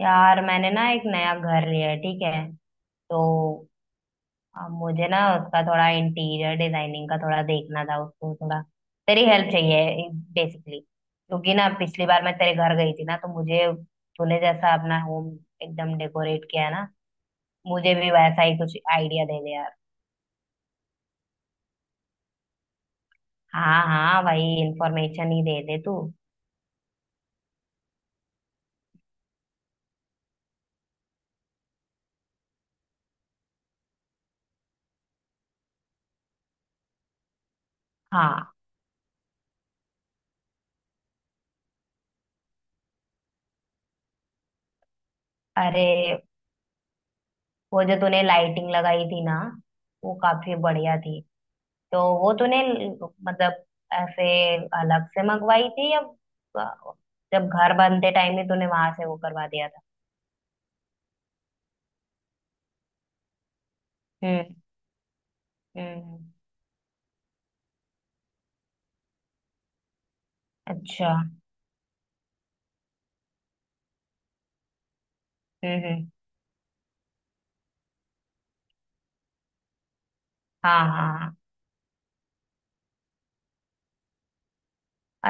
यार मैंने ना एक नया घर लिया है, ठीक है? तो अब मुझे ना उसका थोड़ा इंटीरियर डिजाइनिंग का थोड़ा देखना था, उसको थोड़ा तेरी हेल्प चाहिए बेसिकली, क्योंकि ना पिछली बार मैं तेरे घर गई थी ना, तो मुझे तूने जैसा अपना होम एकदम डेकोरेट किया है ना, मुझे भी वैसा ही कुछ आइडिया दे दे यार। हाँ हाँ भाई, इंफॉर्मेशन ही दे दे तू। हाँ। अरे वो जो तूने लाइटिंग लगाई थी ना, वो काफी बढ़िया थी। तो वो तूने मतलब ऐसे अलग से मंगवाई थी, या जब घर बनते टाइम ही तूने वहां से वो करवा दिया था? हम्म। हम्म। अच्छा। हम्म। हम्म। हाँ हाँ हाँ।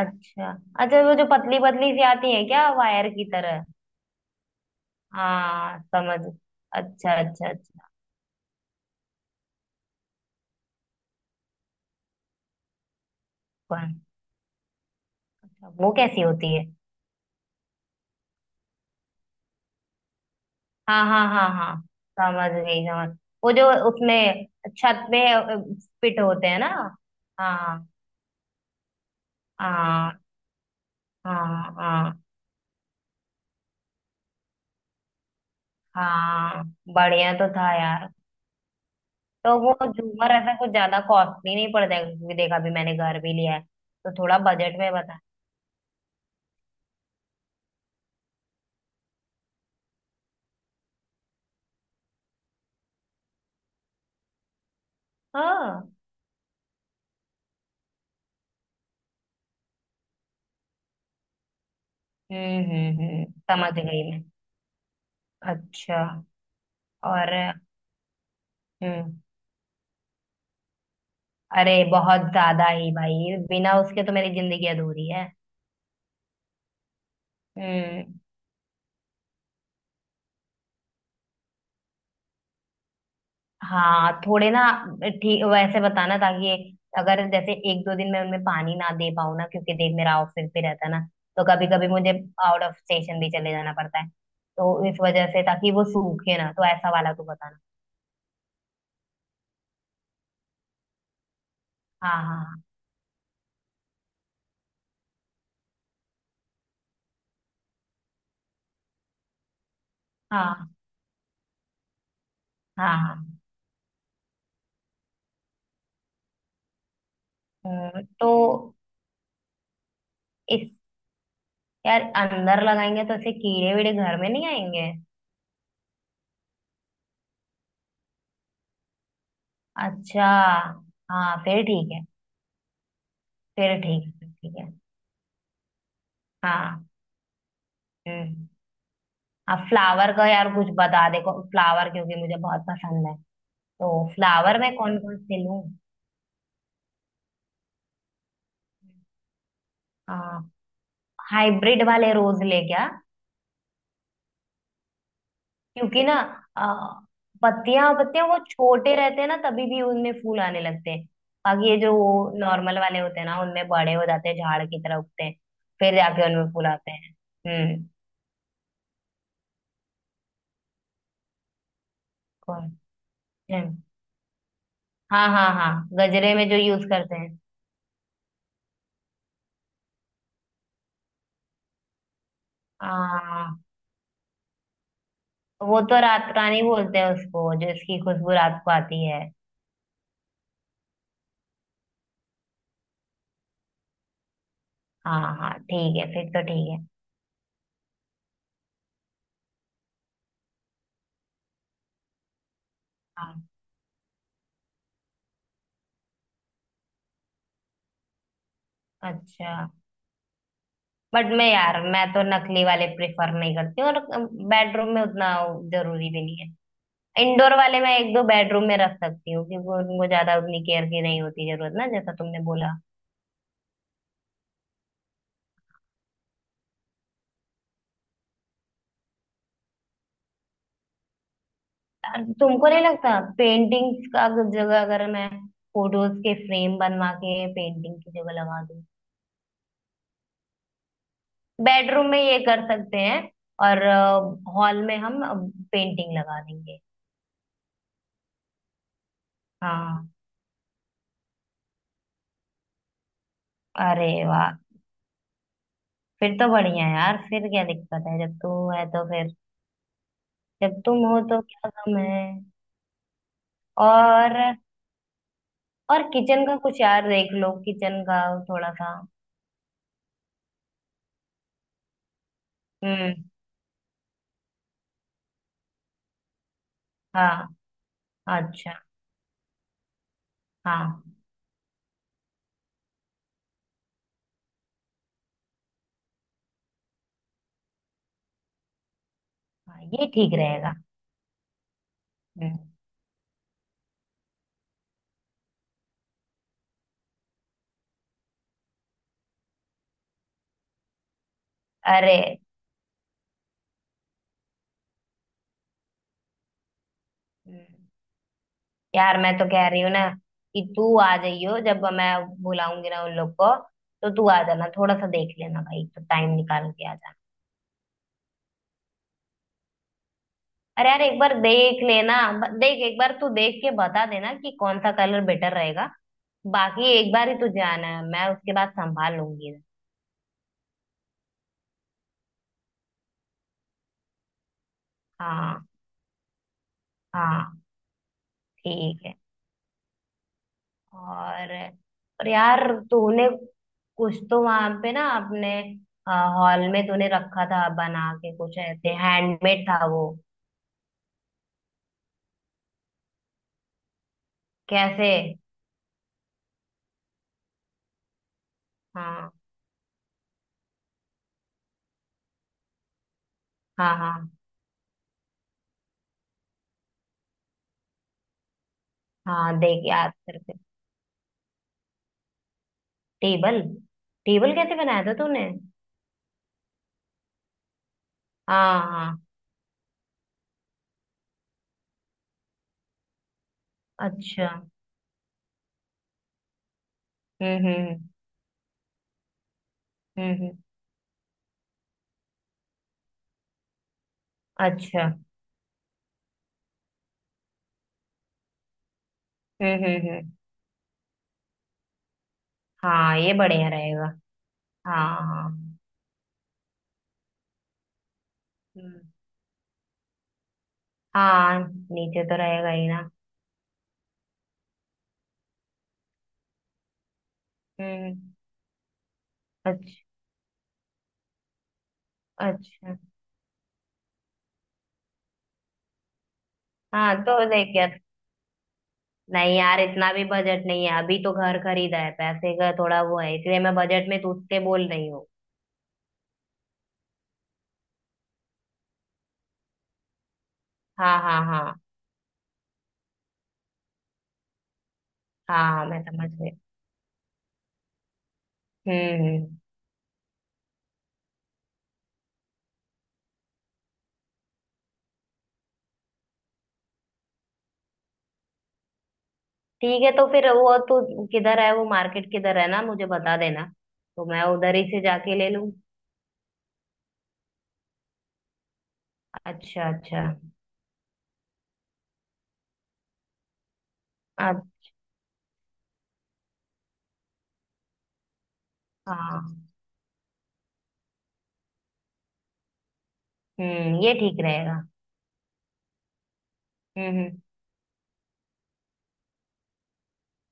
अच्छा। अच्छा, वो जो पतली पतली सी आती है क्या, वायर की तरह? हाँ, समझ। अच्छा अच्छा अच्छा। कौन? वो कैसी होती है? हाँ हाँ हाँ हाँ, समझ गई, समझ। वो जो उसमें छत में फिट होते हैं ना? हाँ हाँ हाँ हाँ। हाँ। हाँ, बढ़िया तो था यार। तो वो झूमर ऐसा कुछ ज्यादा कॉस्टली नहीं पड़ जाएगा? क्योंकि देखा, अभी मैंने घर भी लिया है, तो थोड़ा बजट में बता। हाँ। हम्म, समझ गई मैं। अच्छा। और हम्म, अरे बहुत ज्यादा ही भाई, बिना उसके तो मेरी जिंदगी अधूरी है। हम्म। हाँ थोड़े ना, ठीक वैसे बताना, ताकि अगर जैसे एक दो दिन में उनमें पानी ना दे पाऊँ ना, क्योंकि देख मेरा ऑफिस भी रहता है ना, तो कभी कभी मुझे आउट ऑफ स्टेशन भी चले जाना पड़ता है, तो इस वजह से, ताकि वो सूखे ना, तो ऐसा वाला तू बताना। हाँ हाँ। हाँ हाँ। हाँ। तो इस, यार अंदर लगाएंगे तो ऐसे कीड़े वीड़े घर में नहीं आएंगे? अच्छा। हाँ फिर ठीक है, फिर ठीक है फिर ठीक है। हाँ। हम्म। आप फ्लावर का यार कुछ बता, देखो फ्लावर क्योंकि मुझे बहुत पसंद है। तो फ्लावर में कौन कौन से लूं? हाइब्रिड वाले रोज ले क्या? क्योंकि ना, आ, पत्तियां पत्तियां वो छोटे रहते हैं ना तभी भी उनमें फूल आने लगते हैं। बाकी ये जो नॉर्मल वाले होते हैं ना, उनमें बड़े हो जाते हैं, झाड़ की तरह उगते हैं, फिर जाके उनमें फूल आते हैं। हम्म। कौन? हम्म, हाँ हाँ हाँ, गजरे में जो यूज करते हैं। आ, वो तो रात रानी बोलते हैं उसको, जो इसकी खुशबू रात को आती है। हाँ हाँ ठीक है, फिर तो ठीक है। हाँ। अच्छा। बट मैं यार मैं तो नकली वाले प्रेफर नहीं करती हूँ, और बेडरूम में उतना जरूरी भी नहीं है। इंडोर वाले मैं एक दो बेडरूम में रख सकती हूँ, क्योंकि उनको ज्यादा उतनी केयर की नहीं होती जरूरत ना, जैसा तुमने बोला। यार, तुमको नहीं लगता पेंटिंग्स का जगह, अगर मैं फोटोज के फ्रेम बनवा के पेंटिंग की जगह लगा दूँ? बेडरूम में ये कर सकते हैं, और हॉल में हम पेंटिंग लगा देंगे। हाँ। अरे वाह, फिर तो बढ़िया है यार, फिर क्या दिक्कत है जब तू है तो? फिर जब तुम हो तो क्या गम है? और और किचन का कुछ यार देख लो, किचन का थोड़ा सा। हम्म। हाँ। अच्छा। हाँ हाँ ये ठीक रहेगा। हम्म। अरे। हम्म, यार मैं तो कह रही हूँ ना कि तू आ जाइयो जब मैं बुलाऊंगी ना उन लोग को, तो तू आ जाना थोड़ा सा देख लेना भाई, तो टाइम निकाल के आ। अरे यार एक बार देख लेना। देख, एक बार तू देख के बता देना कि कौन सा कलर बेटर रहेगा। बाकी एक बार ही तू जाना है, मैं उसके बाद संभाल लूंगी। हाँ हाँ ठीक है। और और यार, तूने कुछ तो वहां पे ना, अपने हॉल में तूने रखा था बना के कुछ ऐसे, हैंडमेड था वो। कैसे? हाँ हाँ हाँ। हाँ देख, याद करके। टेबल? टेबल कैसे बनाया था तूने? हाँ हाँ। अच्छा। हम्म हम्म हम्म। हम्म। अच्छा। हम्म हम्म हम्म, हाँ ये बढ़िया रहेगा। हाँ हाँ। हम्म, हाँ नीचे तो रहेगा ही ना। हम्म। अच्छा। अच्छा। हाँ तो देख यार, नहीं यार इतना भी बजट नहीं है, अभी तो घर खरीदा है, पैसे का थोड़ा वो है, इसलिए मैं बजट में तुझसे बोल रही हूँ। हाँ हाँ हाँ। हाँ हाँ मैं समझ गई। हम्म हम्म। ठीक है, तो फिर वो तू किधर है वो मार्केट किधर है ना मुझे बता देना, तो मैं उधर ही से जाके ले लूँ। अच्छा अच्छा। अब हाँ, ये ठीक रहेगा। हम्म हम्म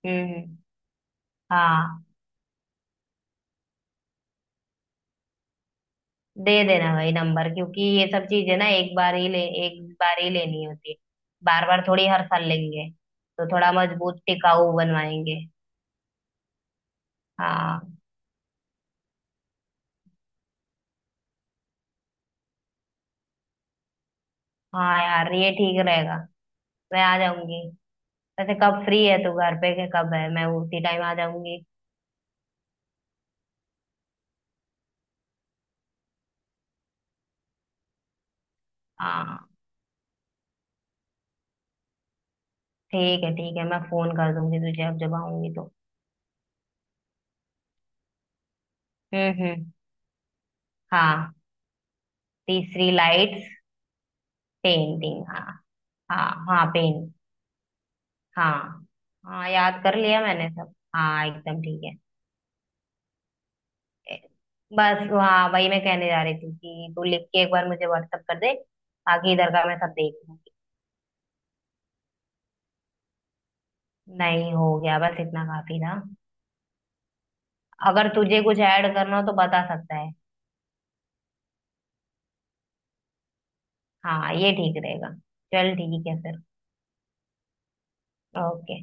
हम्म, हम्म। हाँ दे देना भाई नंबर, क्योंकि ये सब चीजें ना एक बार ही लेनी होती है, बार बार थोड़ी हर साल लेंगे। तो थोड़ा मजबूत टिकाऊ बनवाएंगे। हाँ हाँ यार ये ठीक रहेगा। मैं आ जाऊंगी। वैसे कब फ्री है तू घर पे, के कब है, मैं उसी टाइम आ जाऊंगी। हाँ ठीक है ठीक है, मैं फोन कर दूंगी तुझे अब जब आऊंगी तो। हम्म। हाँ तीसरी लाइट्स। पेंटिंग, हाँ। हाँ हाँ पेंटिंग। हाँ। हाँ याद कर लिया मैंने सब, हाँ एकदम ठीक है। ए, बस हाँ, वही मैं कहने जा रही थी कि तू लिख के एक बार मुझे व्हाट्सअप कर दे, बाकी इधर का मैं सब देख लूंगी। नहीं हो गया, बस इतना काफी था। अगर तुझे कुछ ऐड करना हो तो बता सकता है। हाँ ये ठीक रहेगा। चल ठीक है फिर। ओके।